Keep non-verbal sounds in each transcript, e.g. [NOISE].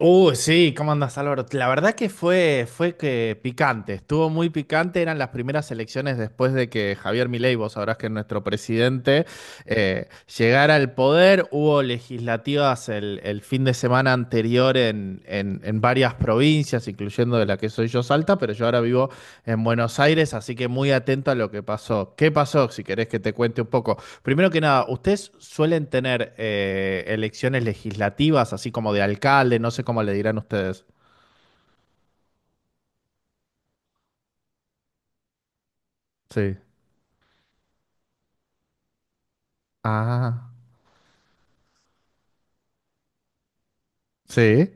Sí, ¿cómo andas, Álvaro? La verdad que fue que picante, estuvo muy picante, eran las primeras elecciones después de que Javier Milei, vos sabrás que es nuestro presidente, eh, llegara al poder, hubo legislativas el fin de semana anterior en varias provincias, incluyendo de la que soy yo, Salta, pero yo ahora vivo en Buenos Aires, así que muy atento a lo que pasó. ¿Qué pasó? Si querés que te cuente un poco. Primero que nada, ¿ustedes suelen tener elecciones legislativas, así como de alcalde? No sé cómo le dirán ustedes. Sí. Ah, sí,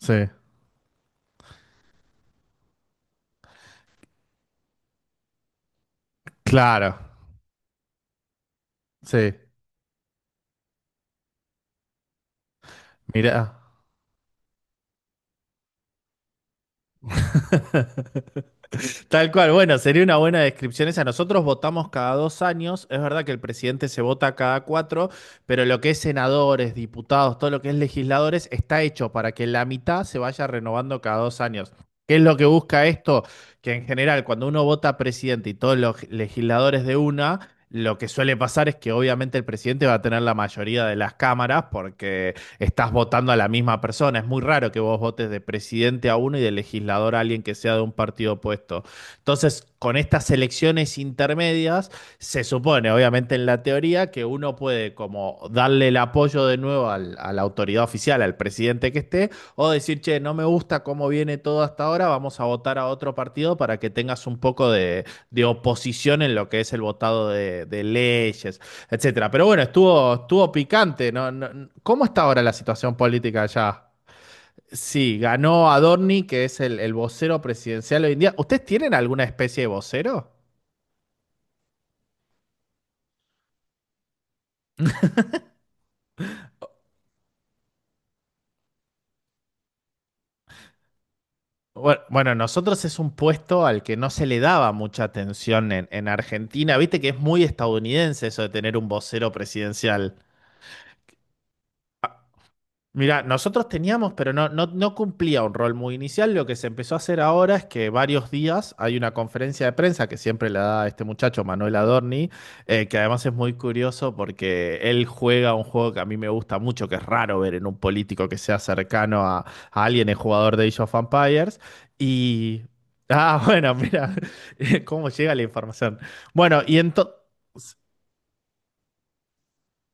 sí. Claro, sí. Mira. Tal cual, bueno, sería una buena descripción esa. Nosotros votamos cada 2 años, es verdad que el presidente se vota cada cuatro, pero lo que es senadores, diputados, todo lo que es legisladores, está hecho para que la mitad se vaya renovando cada 2 años. ¿Qué es lo que busca esto? Que en general, cuando uno vota presidente y todos los legisladores de una, lo que suele pasar es que obviamente el presidente va a tener la mayoría de las cámaras porque estás votando a la misma persona. Es muy raro que vos votes de presidente a uno y de legislador a alguien que sea de un partido opuesto. Entonces, con estas elecciones intermedias, se supone, obviamente en la teoría, que uno puede como darle el apoyo de nuevo al- a la autoridad oficial, al presidente que esté, o decir, che, no me gusta cómo viene todo hasta ahora, vamos a votar a otro partido para que tengas un poco de oposición en lo que es el votado de leyes, etcétera. Pero bueno, estuvo, estuvo picante, ¿no? ¿Cómo está ahora la situación política allá? Sí, ganó Adorni, que es el vocero presidencial hoy en día. ¿Ustedes tienen alguna especie de vocero? Bueno, bueno, nosotros es un puesto al que no se le daba mucha atención en Argentina. Viste que es muy estadounidense eso de tener un vocero presidencial. Mira, nosotros teníamos, pero no, no, no cumplía un rol muy inicial. Lo que se empezó a hacer ahora es que varios días hay una conferencia de prensa que siempre la da este muchacho, Manuel Adorni, que además es muy curioso porque él juega un juego que a mí me gusta mucho, que es raro ver en un político que sea cercano a alguien, el jugador de Age of Empires. Y. Ah, bueno, mira, [LAUGHS] cómo llega la información. Bueno, y entonces.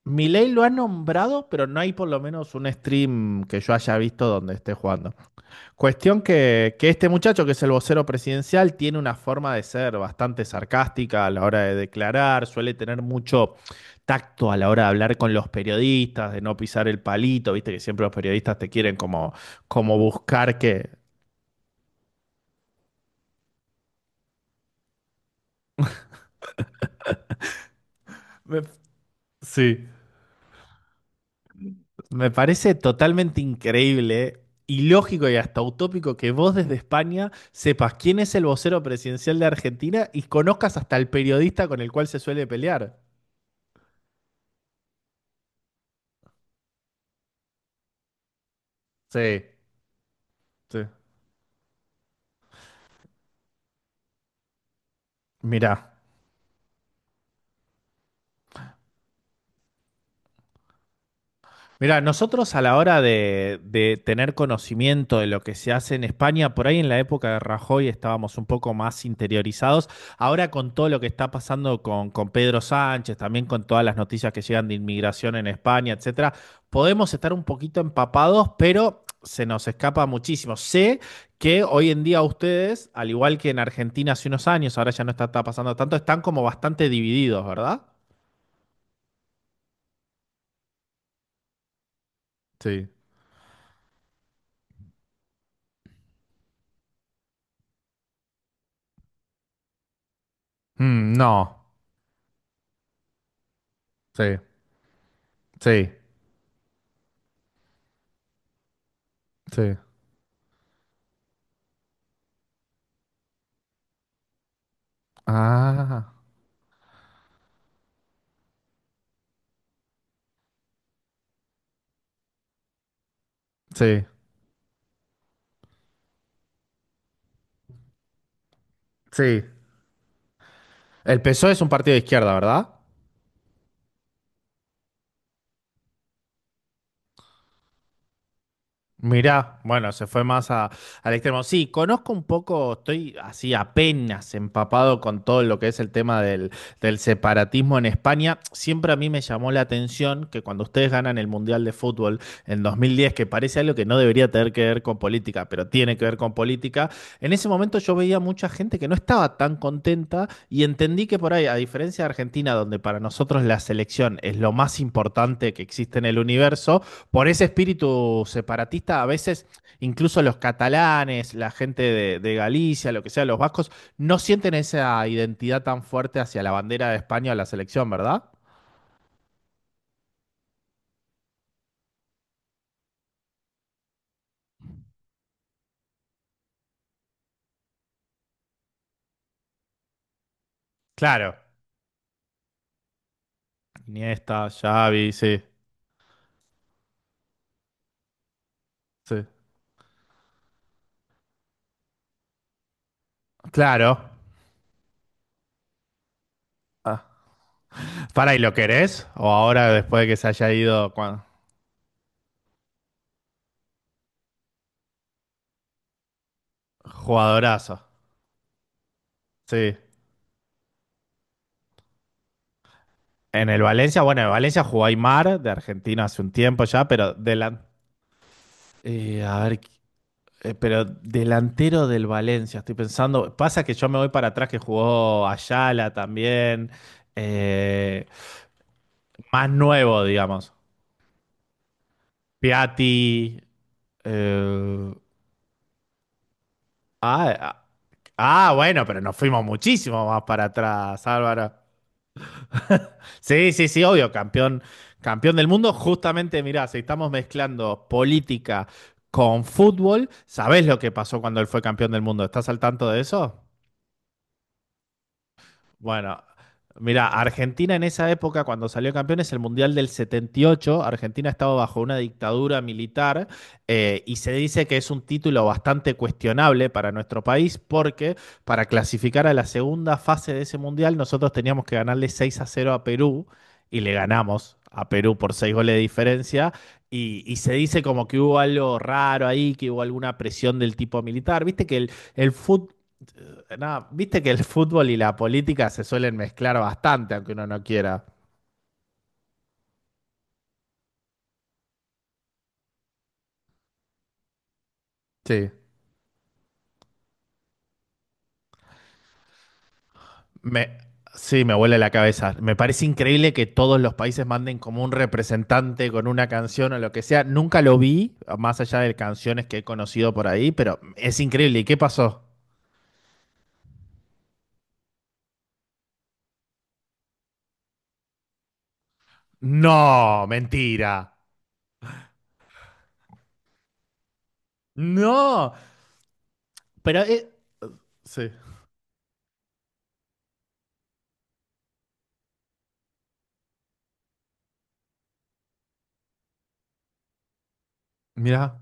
Milei lo ha nombrado, pero no hay por lo menos un stream que yo haya visto donde esté jugando. Cuestión que este muchacho, que es el vocero presidencial, tiene una forma de ser bastante sarcástica a la hora de declarar, suele tener mucho tacto a la hora de hablar con los periodistas, de no pisar el palito, viste que siempre los periodistas te quieren como buscar que. Me- Sí. Me parece totalmente increíble, ilógico y hasta utópico que vos desde España sepas quién es el vocero presidencial de Argentina y conozcas hasta el periodista con el cual se suele pelear. Sí, sí. Mirá. Mira, nosotros a la hora de tener conocimiento de lo que se hace en España, por ahí en la época de Rajoy estábamos un poco más interiorizados. Ahora con todo lo que está pasando con Pedro Sánchez, también con todas las noticias que llegan de inmigración en España, etcétera, podemos estar un poquito empapados, pero se nos escapa muchísimo. Sé que hoy en día ustedes, al igual que en Argentina hace unos años, ahora ya no está pasando tanto, están como bastante divididos, ¿verdad? Sí. Mm, no. Sí. Sí. Sí. Ah, sí, sí. El PSOE es un partido de izquierda, ¿verdad? Mirá, bueno, se fue más a- al extremo. Sí, conozco un poco, estoy así apenas empapado con todo lo que es el tema del separatismo en España. Siempre a mí me llamó la atención que cuando ustedes ganan el Mundial de Fútbol en 2010, que parece algo que no debería tener que ver con política, pero tiene que ver con política, en ese momento yo veía mucha gente que no estaba tan contenta y entendí que por ahí, a diferencia de Argentina, donde para nosotros la selección es lo más importante que existe en el universo, por ese espíritu separatista, a veces incluso los catalanes, la gente de Galicia, lo que sea, los vascos, no sienten esa identidad tan fuerte hacia la bandera de España o la selección, ¿verdad? Claro. Iniesta, Xavi, sí, sí. Claro. Ah. Para, ¿y lo querés? O ahora, después de que se haya ido, jugadorazo. Sí. En el Valencia, bueno, en Valencia jugó Aymar, de Argentina hace un tiempo ya, pero de la. A ver, pero delantero del Valencia, estoy pensando. Pasa que yo me voy para atrás que jugó Ayala también. eh, más nuevo, digamos. Piatti. eh, ah, ah, ah, bueno, pero nos fuimos muchísimo más para atrás, Álvaro. Sí, sí, sí, obvio, campeón, campeón del mundo. Justamente, mirá, si estamos mezclando política con fútbol, ¿sabés lo que pasó cuando él fue campeón del mundo? ¿Estás al tanto de eso? Bueno, mira, Argentina en esa época, cuando salió campeón, es el Mundial del 78, Argentina estaba bajo una dictadura militar y se dice que es un título bastante cuestionable para nuestro país porque para clasificar a la segunda fase de ese Mundial nosotros teníamos que ganarle 6-0 a Perú y le ganamos a Perú por 6 goles de diferencia y se dice como que hubo algo raro ahí, que hubo alguna presión del tipo militar. Viste que el fútbol. Nada, viste que el fútbol y la política se suelen mezclar bastante, aunque uno no quiera. Sí. Me, sí, me huele la cabeza. Me parece increíble que todos los países manden como un representante con una canción o lo que sea. Nunca lo vi, más allá de canciones que he conocido por ahí, pero es increíble. ¿Y qué pasó? No, mentira. No, pero. Sí. Mira.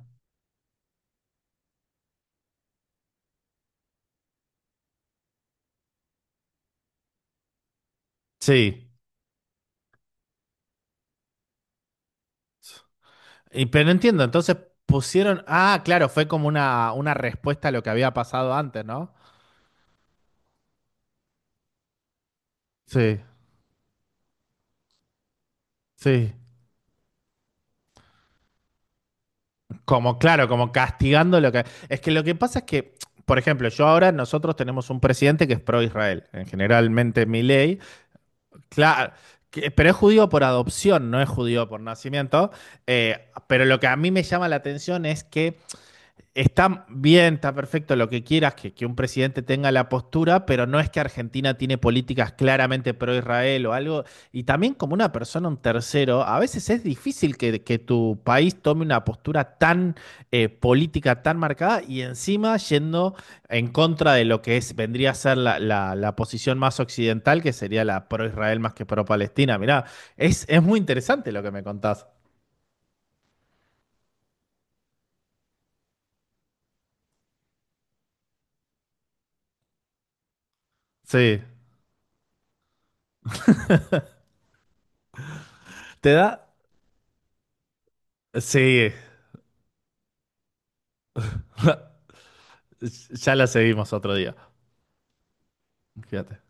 Sí. Y, pero no entiendo, entonces pusieron. Ah, claro, fue como una respuesta a lo que había pasado antes, ¿no? Sí, sí. Como, claro, como castigando lo que. Es que lo que pasa es que, por ejemplo, yo ahora nosotros tenemos un presidente que es pro-Israel, en generalmente Milei. Claro. Pero es judío por adopción, no es judío por nacimiento. Pero lo que a mí me llama la atención es que está bien, está perfecto lo que quieras, que un presidente tenga la postura, pero no es que Argentina tiene políticas claramente pro-Israel o algo. Y también como una persona, un tercero, a veces es difícil que tu país tome una postura tan política, tan marcada, y encima yendo en contra de lo que es, vendría a ser la, la- la posición más occidental, que sería la pro-Israel más que pro-Palestina. Mirá, es muy interesante lo que me contás. Sí. Te da. Sí. Ya la seguimos otro día. Fíjate.